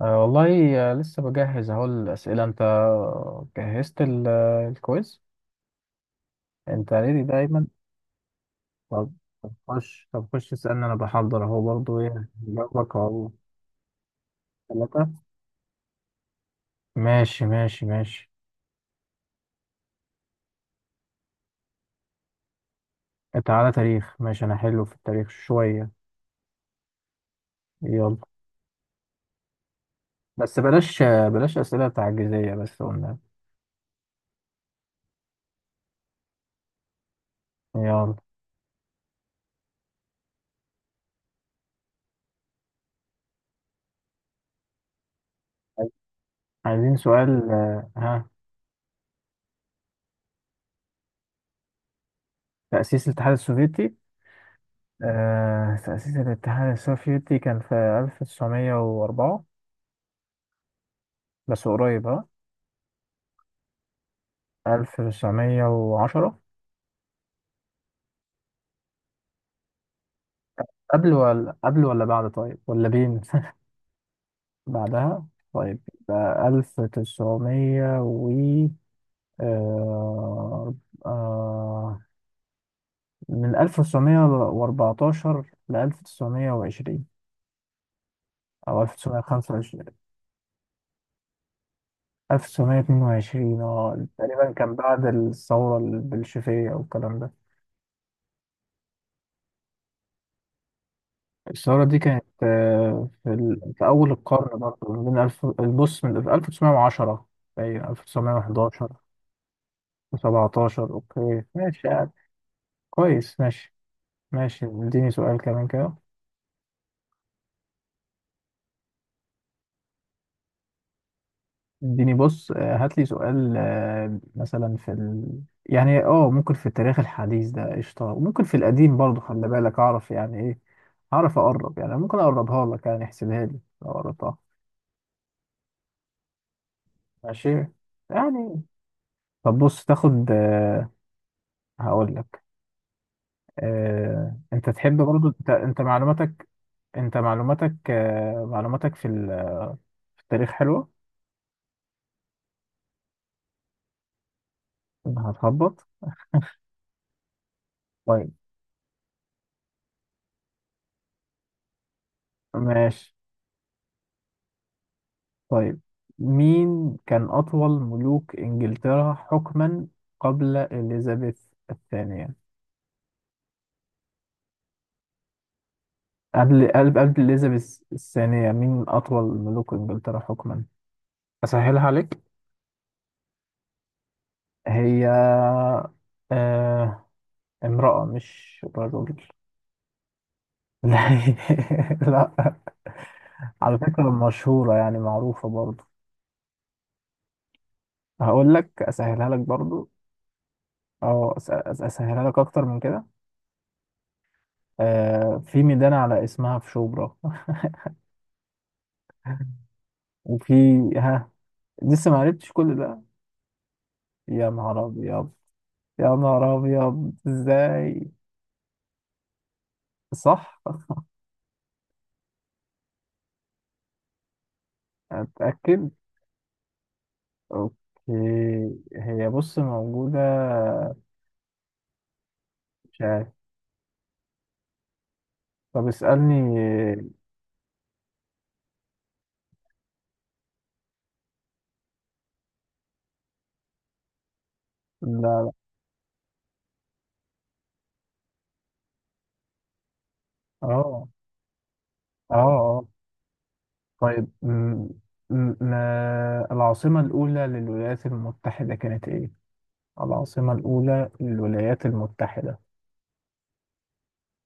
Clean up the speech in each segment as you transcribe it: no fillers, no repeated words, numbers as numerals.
أه والله، لسه بجهز اهو الأسئلة. انت جهزت الكويز. انت ليه دايما؟ طب طب خش اسألني، انا بحضر اهو برضو. ايه جنبك اهو؟ ثلاثة. ماشي، ماشي، ماشي. تعالى تاريخ، ماشي، انا حلو في التاريخ شوية. يلا. بس بلاش أسئلة تعجيزية، بس قلنا. يلا. طيب، عايزين سؤال، ها. تأسيس الاتحاد السوفيتي. تأسيس الاتحاد السوفيتي كان في 1904. بس قريب، ها. 1910. قبل ولا بعد؟ طيب ولا بين. بعدها. طيب يبقى 1900 و آه... آه... من 1914 ل 1920. أو 1925. 1922، تقريبا كان بعد الثورة البلشفية والكلام ده. الثورة دي كانت، في أول القرن برضه، ما بين ألف. البص من 1910. باين 1911 و17. أوكي، ماشي يعني. كويس، ماشي. ماشي، اديني سؤال كمان كده. اديني بص، هات لي سؤال، مثلا يعني ممكن في التاريخ الحديث ده قشطة، وممكن في القديم برضه، خلي بالك أعرف يعني إيه. أعرف أقرب، يعني ممكن أقربها لك، يعني احسبها لي لو قربتها. ماشي يعني. طب بص تاخد. هقول لك. انت تحب برضو. انت معلوماتك. معلوماتك في التاريخ حلوة. هتخبط. طيب. ماشي. طيب. مين كان أطول ملوك إنجلترا حكما قبل إليزابيث الثانية؟ قبل إليزابيث الثانية، مين أطول ملوك إنجلترا حكما؟ أسهلها عليك. هي آه... امرأة مش رجل. لا. لا. على فكرة مشهورة، يعني معروفة برضو. هقول لك أسهلها لك برضو. أو أسهلها لك أكتر من كده. في ميدان على اسمها في شبرا. وفي. ها. لسه ما عرفتش كل ده. يا نهار أبيض. يا نهار أبيض، إزاي؟ صح. أتأكد. أوكي. هي بص موجودة. مش عارف. طب اسألني. لا، لا. اه، اه. آه. طيب ما العاصمة الأولى للولايات المتحدة كانت إيه؟ العاصمة الأولى للولايات المتحدة.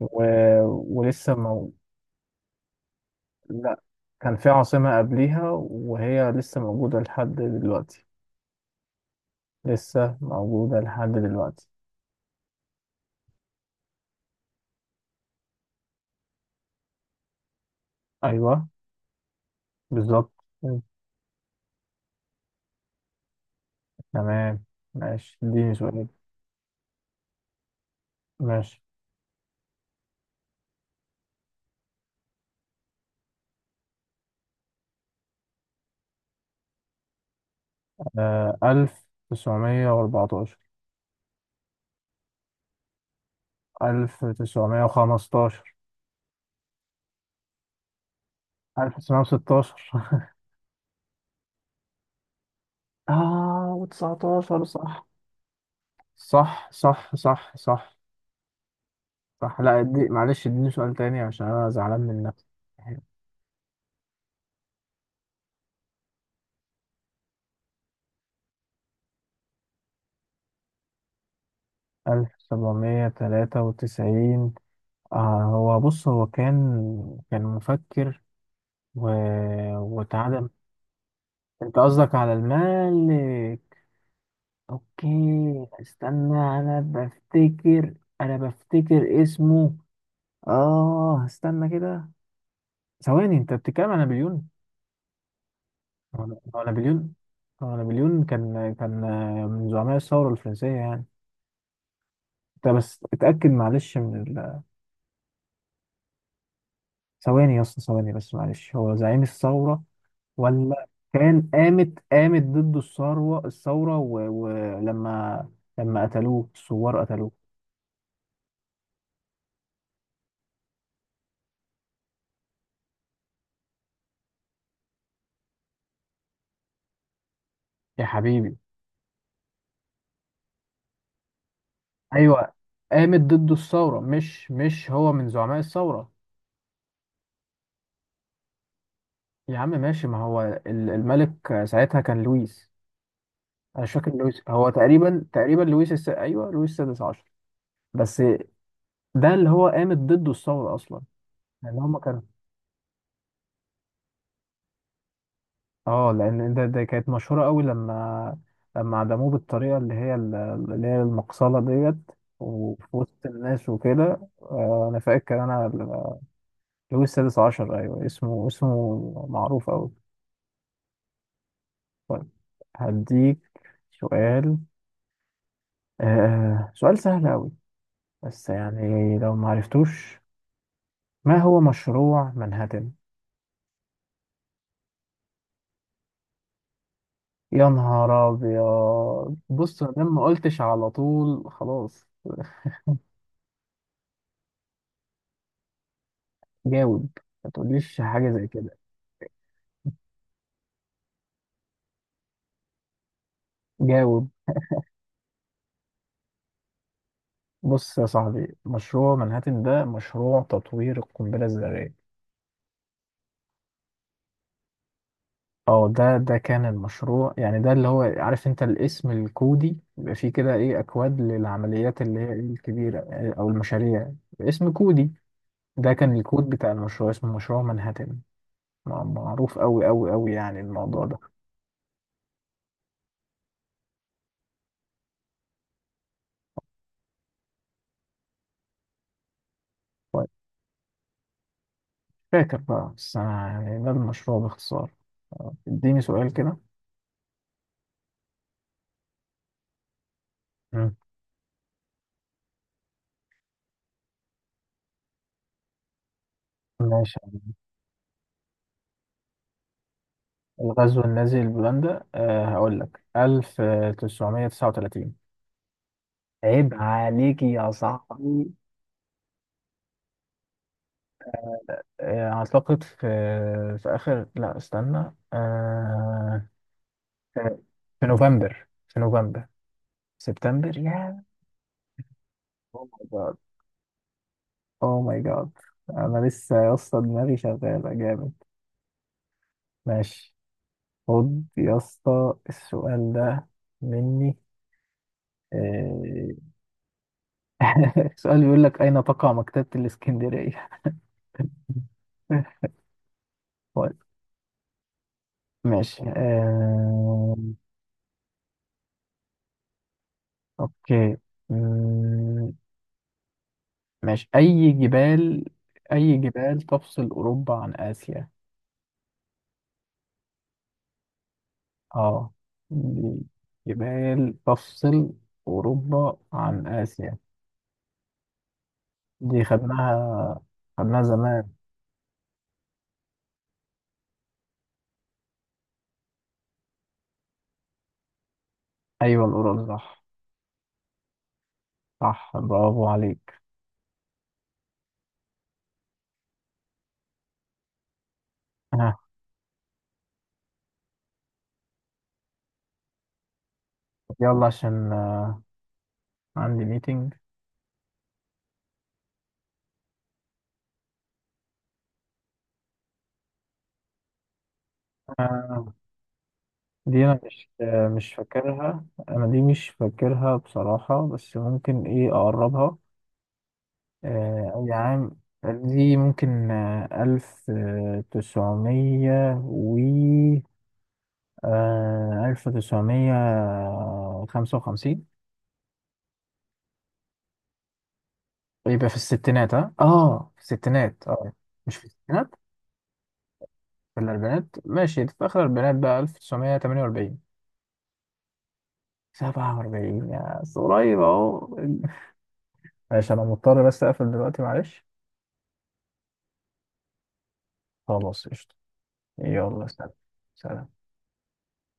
و... ولسه مو... لا، كان في عاصمة قبليها وهي لسه موجودة لحد دلوقتي. لسه موجودة لحد دلوقتي. أيوه. بالظبط. تمام. ماشي، اديني سؤال. ماشي. 1914. 1915. 1916. اه و19، صح. صح، صح، صح، صح. صح، لا دي معلش، اديني سؤال تاني عشان انا زعلان من نفسي. 1793. هو كان مفكر. و... واتعدم. انت قصدك على المالك. اوكي. استنى، انا بفتكر. انا بفتكر اسمه. اه استنى كده. ثواني، انت بتتكلم عن نابليون؟ هو هو نابليون. هو نابليون كان من زعماء الثورة الفرنسية يعني. انت بس اتأكد معلش من ثواني يا اسطى، ثواني بس معلش، هو زعيم الثورة ولا؟ كان قامت ضد الثورة. لما قتلوه الثوار قتلوه. يا حبيبي. ايوه. قامت ضد الثورة، مش هو من زعماء الثورة. يا عم ماشي، ما هو الملك ساعتها كان لويس. انا مش فاكر، لويس هو تقريبا لويس ايوه، لويس السادس عشر. بس. ده اللي هو قامت ضده الثورة أصلا. لأن هما كانوا. اه لأن ده كانت مشهورة قوي لما. لما عدموه بالطريقة اللي هي اللي هي المقصلة ديت. وفي وسط الناس وكده، أنا فاكر أنا لويس السادس عشر. أيوه، اسمه معروف أوي. طيب. هديك سؤال. سؤال سهل أوي. بس يعني لو ما عرفتوش. ما هو مشروع منهاتن؟ يا نهار ابيض! بص انا ما قلتش على طول، خلاص. جاوب. ما تقوليش حاجه زي كده. جاوب. بص يا صاحبي، مشروع منهاتن ده مشروع تطوير القنبله الذريه. اه ده كان المشروع، يعني ده اللي هو، عارف انت الاسم الكودي بيبقى فيه كده ايه، اكواد للعمليات اللي هي إيه الكبيره، إيه، او المشاريع. اسم كودي. ده كان الكود بتاع المشروع، اسمه مشروع منهاتن. معروف قوي قوي قوي، يعني الموضوع ده. فاكر بقى، بس أنا يعني ده المشروع باختصار. اديني سؤال كده. مم. ماشي. الغزو النازي لبولندا، هقول لك 1939. عيب عليكي يا صاحبي. اعتقد في. في اخر، لا استنى في. في نوفمبر. سبتمبر، يا. او ماي جاد! او ماي جاد! انا لسه يا اسطى، دماغي شغاله جامد. ماشي. خد يا اسطى السؤال ده. مني. آه، سؤال بيقول لك أين تقع مكتبة الإسكندرية؟ طيب. ماشي، أوكي. مم، ماشي، أي جبال. أي جبال تفصل أوروبا عن آسيا؟ آه دي جبال تفصل أوروبا عن آسيا. دي خدناها. خدناها زمان. أيوة، الأورال، صح. صح، برافو عليك. آه. يلا عشان، عندي ميتنج. دي انا مش فاكرها، انا دي مش فاكرها بصراحة، بس ممكن ايه اقربها. اي عام؟ دي ممكن الف تسعمية و 1955. يبقى في الستينات، ها، في الستينات، مش في الستينات. في الاربعينات، ماشي، في اخر الاربعينات بقى 1948. 47، يا بس قريب اهو. ماشي، انا مضطر بس اقفل دلوقتي، معلش. خلاص قشطة. يلا سلام. سلام.